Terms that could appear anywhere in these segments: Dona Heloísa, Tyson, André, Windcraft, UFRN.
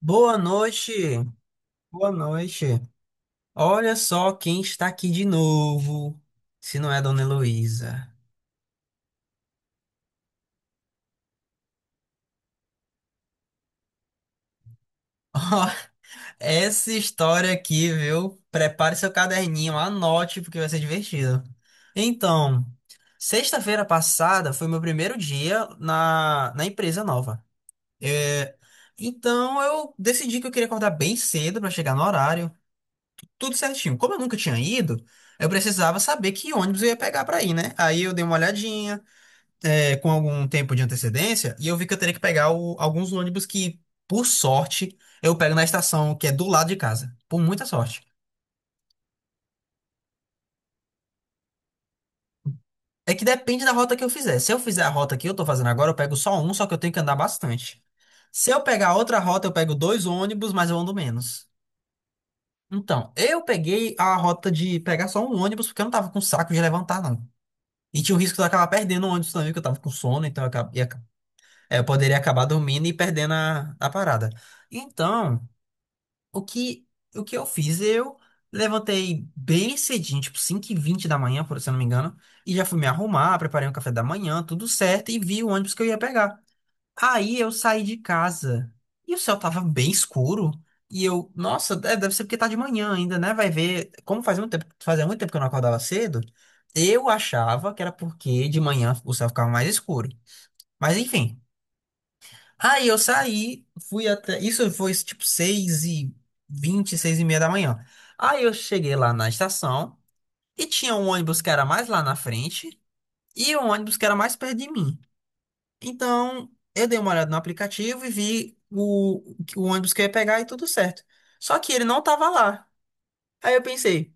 Boa noite, boa noite. Olha só quem está aqui de novo, se não é a Dona Heloísa. Ó, essa história aqui, viu? Prepare seu caderninho, anote, porque vai ser divertido. Então, sexta-feira passada foi meu primeiro dia na empresa nova. É, então, eu decidi que eu queria acordar bem cedo para chegar no horário, tudo certinho. Como eu nunca tinha ido, eu precisava saber que ônibus eu ia pegar para ir, né? Aí eu dei uma olhadinha. Com algum tempo de antecedência e eu vi que eu teria que pegar alguns ônibus que, por sorte, eu pego na estação que é do lado de casa. Por muita sorte. É que depende da rota que eu fizer. Se eu fizer a rota que eu tô fazendo agora, eu pego só um, só que eu tenho que andar bastante. Se eu pegar outra rota, eu pego dois ônibus, mas eu ando menos. Então, eu peguei a rota de pegar só um ônibus, porque eu não tava com saco de levantar, não. E tinha o risco de eu acabar perdendo o ônibus também, porque eu tava com sono, então eu, eu poderia acabar dormindo e perdendo a parada. Então, O que, o que eu fiz? Eu levantei bem cedinho, tipo 5h20 da manhã, por se eu não me engano, e já fui me arrumar, preparei um café da manhã, tudo certo, e vi o ônibus que eu ia pegar. Aí eu saí de casa e o céu tava bem escuro. E eu, nossa, deve ser porque tá de manhã ainda, né? Vai ver. Como fazia muito tempo que eu não acordava cedo, eu achava que era porque de manhã o céu ficava mais escuro. Mas enfim. Aí eu saí, fui até. Isso foi tipo 6h20, 6h30 da manhã. Aí eu cheguei lá na estação e tinha um ônibus que era mais lá na frente e um ônibus que era mais perto de mim. Então eu dei uma olhada no aplicativo e vi o ônibus que eu ia pegar e tudo certo. Só que ele não tava lá. Aí eu pensei,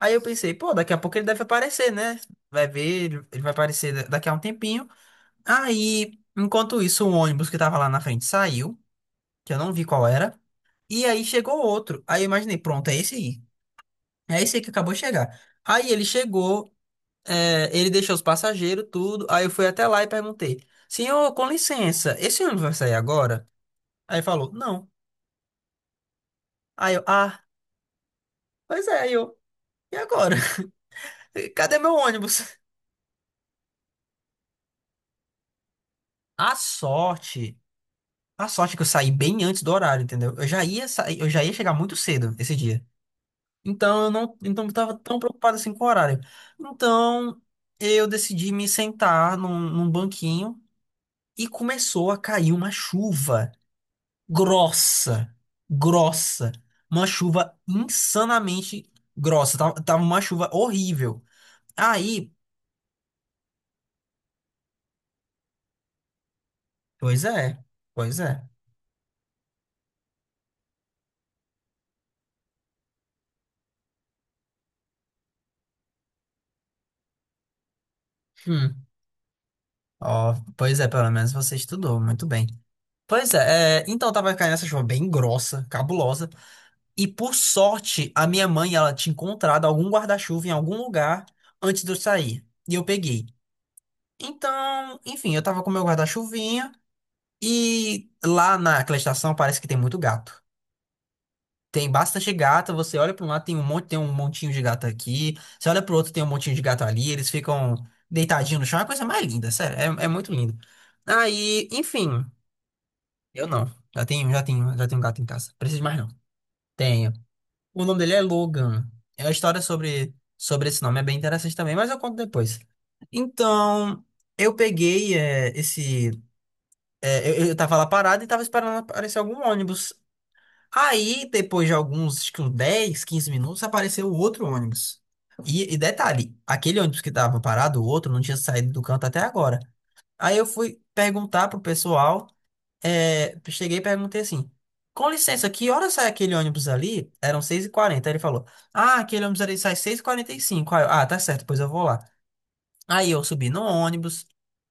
aí eu pensei, pô, daqui a pouco ele deve aparecer, né? Vai ver, ele vai aparecer daqui a um tempinho. Aí, enquanto isso, o ônibus que tava lá na frente saiu, que eu não vi qual era. E aí chegou outro. Aí eu imaginei, pronto, é esse aí. É esse aí que acabou de chegar. Aí ele chegou, ele deixou os passageiros, tudo. Aí eu fui até lá e perguntei: Senhor, com licença, esse ônibus vai sair agora? Aí falou: Não. Aí eu, ah, pois é, aí eu, e agora? Cadê meu ônibus? A sorte, a sorte é que eu saí bem antes do horário, entendeu? Eu já ia sair, eu já ia chegar muito cedo esse dia. Então eu não, então eu estava tão preocupado assim com o horário. Então eu decidi me sentar num banquinho e começou a cair uma chuva grossa, grossa, uma chuva insanamente grossa. Tava uma chuva horrível. Aí, pois é, pois é. Hum. Ó, pois é, pelo menos você estudou muito bem. Pois é, então tava caindo essa chuva bem grossa, cabulosa. E por sorte, a minha mãe, ela tinha encontrado algum guarda-chuva em algum lugar antes de eu sair. E eu peguei. Então, enfim, eu tava com meu guarda-chuvinha e lá naquela estação parece que tem muito gato. Tem bastante gato, você olha para um lado, tem um monte, tem um montinho de gato aqui. Você olha pro outro, tem um montinho de gato ali, eles ficam deitadinhos no chão, é a coisa mais linda, sério, é muito lindo. Aí, enfim, eu não. Já tenho, gato em casa. Preciso de mais não. Tenho. O nome dele é Logan. É a história sobre esse nome, é bem interessante também, mas eu conto depois. Então, eu peguei esse. Eu tava lá parado e tava esperando aparecer algum ônibus. Aí, depois de alguns, acho que uns 10, 15 minutos, apareceu outro ônibus. E detalhe, aquele ônibus que tava parado, o outro, não tinha saído do canto até agora. Aí eu fui perguntar pro pessoal cheguei e perguntei assim: Com licença, que hora sai aquele ônibus ali? Eram 6h40. Aí ele falou: Ah, aquele ônibus ali sai 6h45. Aí eu, ah, tá certo, pois eu vou lá. Aí eu subi no ônibus,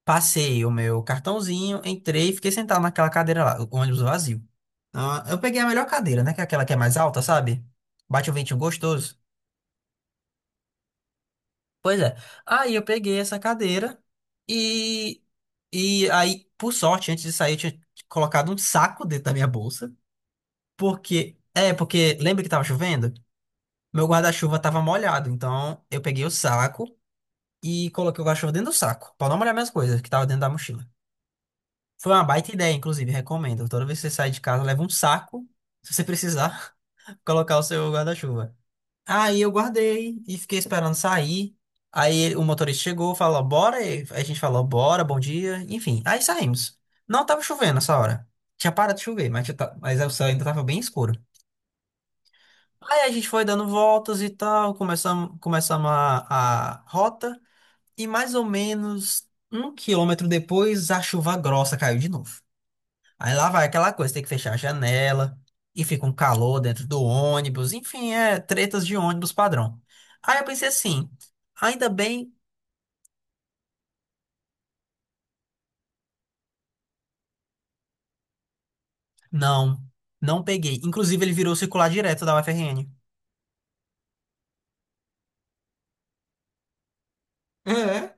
passei o meu cartãozinho, entrei e fiquei sentado naquela cadeira lá, o ônibus vazio. Ah, eu peguei a melhor cadeira, né? Que é aquela que é mais alta, sabe? Bate o ventinho gostoso. Pois é. Aí eu peguei essa cadeira e. E aí, por sorte, antes de sair, eu tinha colocado um saco dentro da minha bolsa. Porque, porque lembra que tava chovendo? Meu guarda-chuva tava molhado, então eu peguei o saco e coloquei o guarda-chuva dentro do saco, pra não molhar minhas coisas que tava dentro da mochila. Foi uma baita ideia, inclusive, recomendo. Toda vez que você sair de casa, leva um saco, se você precisar, colocar o seu guarda-chuva. Aí eu guardei e fiquei esperando sair. Aí o motorista chegou, falou, bora. E a gente falou, bora, bom dia. Enfim, aí saímos. Não tava chovendo nessa hora. Tinha parado de chover, mas o céu ainda tava bem escuro. Aí a gente foi dando voltas e tal, começamos a rota, e mais ou menos um quilômetro depois a chuva grossa caiu de novo. Aí lá vai aquela coisa, tem que fechar a janela, e fica um calor dentro do ônibus, enfim, é tretas de ônibus padrão. Aí eu pensei assim, ainda bem, não, não peguei. Inclusive ele virou circular direto da UFRN. É.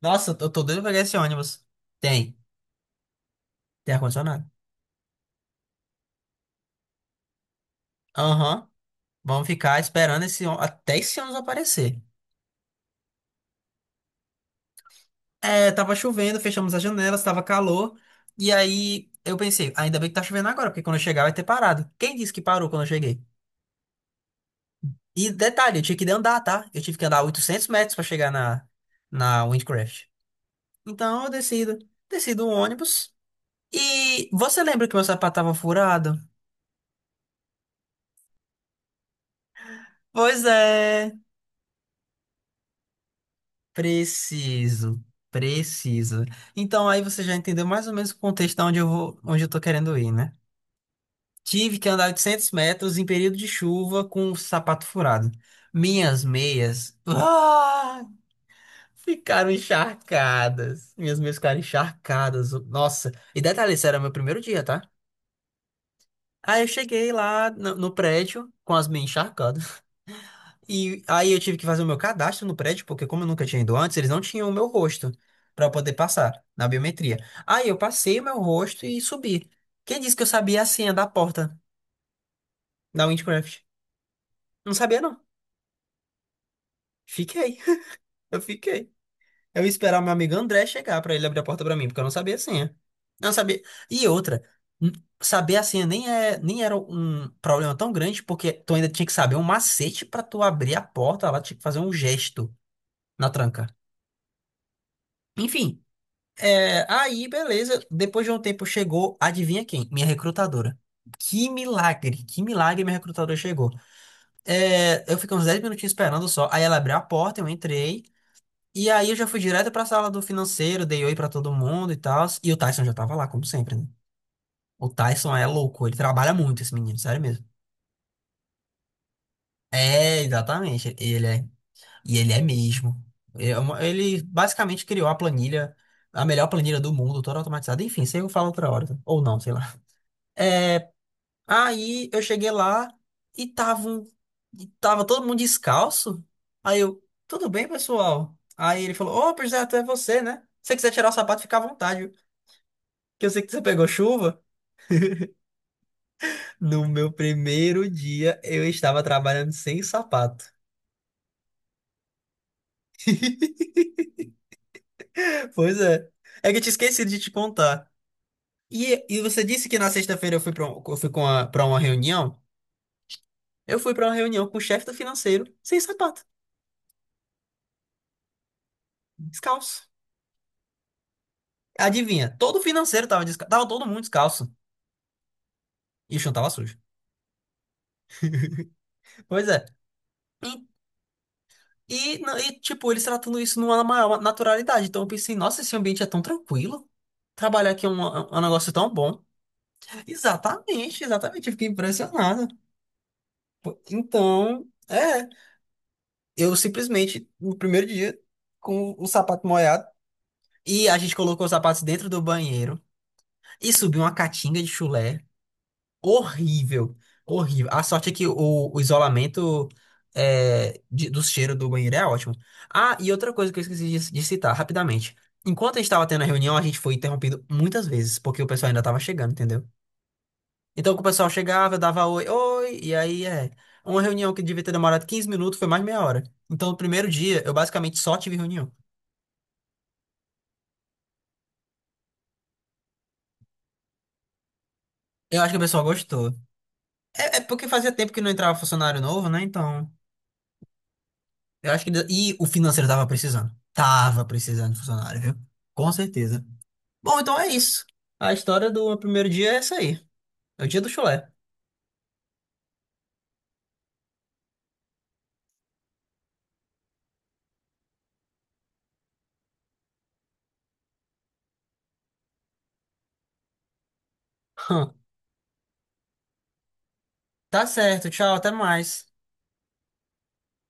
Nossa, eu tô doido pra pegar esse ônibus. Tem, tem ar-condicionado. Aham. Vamos ficar esperando até esse ônibus aparecer. É, tava chovendo, fechamos as janelas, tava calor. E aí eu pensei, ainda bem que tá chovendo agora, porque quando eu chegar vai ter parado. Quem disse que parou quando eu cheguei? E detalhe, eu tinha que andar, tá? Eu tive que andar 800 metros pra chegar na Windcraft. Então eu decido o ônibus. E você lembra que meu sapato tava furado? Pois é, preciso, preciso. Então aí você já entendeu mais ou menos o contexto de onde eu vou, onde eu tô querendo ir, né? Tive que andar 800 metros em período de chuva com o sapato furado. Minhas meias, ah, ficaram encharcadas. Minhas meias ficaram encharcadas. Nossa, e detalhe, isso era meu primeiro dia, tá? Aí eu cheguei lá no prédio com as meias encharcadas. E aí eu tive que fazer o meu cadastro no prédio, porque como eu nunca tinha ido antes, eles não tinham o meu rosto pra eu poder passar na biometria. Aí eu passei o meu rosto e subi. Quem disse que eu sabia a senha da porta da Windcraft? Não sabia, não. Fiquei. Eu fiquei. Eu ia esperar o meu amigo André chegar pra ele abrir a porta pra mim, porque eu não sabia a senha. Eu não sabia. E outra, n- saber a senha nem é, nem era um problema tão grande, porque tu ainda tinha que saber um macete pra tu abrir a porta, ela tinha que fazer um gesto na tranca. Enfim, aí beleza. Depois de um tempo chegou, adivinha quem? Minha recrutadora. Que milagre minha recrutadora chegou. Eu fiquei uns 10 minutinhos esperando só. Aí ela abriu a porta, eu entrei. E aí eu já fui direto pra sala do financeiro, dei oi pra todo mundo e tal. E o Tyson já tava lá, como sempre, né? O Tyson é louco, ele trabalha muito, esse menino, sério mesmo. É, exatamente, ele é. E ele é mesmo. Ele basicamente criou a planilha, a melhor planilha do mundo, toda automatizada. Enfim, isso aí eu falo outra hora. Tá? Ou não, sei lá. Aí eu cheguei lá e tava todo mundo descalço. Aí eu, tudo bem, pessoal? Aí ele falou, ô, pois é, até você, né? Se você quiser tirar o sapato, fica à vontade. Que eu sei que você pegou chuva. No meu primeiro dia, eu estava trabalhando sem sapato. Pois é. É que eu tinha esquecido de te contar. E você disse que na sexta-feira eu fui para eu fui com a- pra uma reunião. Eu fui para uma reunião com o chefe do financeiro, sem sapato, descalço. Adivinha, todo o financeiro tava descalço, tava todo mundo descalço. E o chão tava sujo. Pois é. E, e, não- e, tipo, eles tratando isso numa maior naturalidade. Então eu pensei, nossa, esse ambiente é tão tranquilo. Trabalhar aqui é um negócio tão bom. Exatamente, exatamente. Eu fiquei impressionado. Pô, então, eu simplesmente, no primeiro dia, com o sapato molhado, e a gente colocou os sapatos dentro do banheiro e subiu uma catinga de chulé. Horrível, horrível. A sorte é que o isolamento do cheiro do banheiro é ótimo. Ah, e outra coisa que eu esqueci de citar rapidamente. Enquanto a gente estava tendo a reunião, a gente foi interrompido muitas vezes, porque o pessoal ainda estava chegando, entendeu? Então que o pessoal chegava, eu dava oi, oi, e aí é. Uma reunião que devia ter demorado 15 minutos foi mais meia hora. Então no primeiro dia eu basicamente só tive reunião. Eu acho que o pessoal gostou. É porque fazia tempo que não entrava funcionário novo, né? Então, eu acho que. E o financeiro tava precisando. Tava precisando de funcionário, viu? Com certeza. Bom, então é isso. A história do meu primeiro dia é essa aí. É o dia do chulé. Hum. Tá certo, tchau, até mais.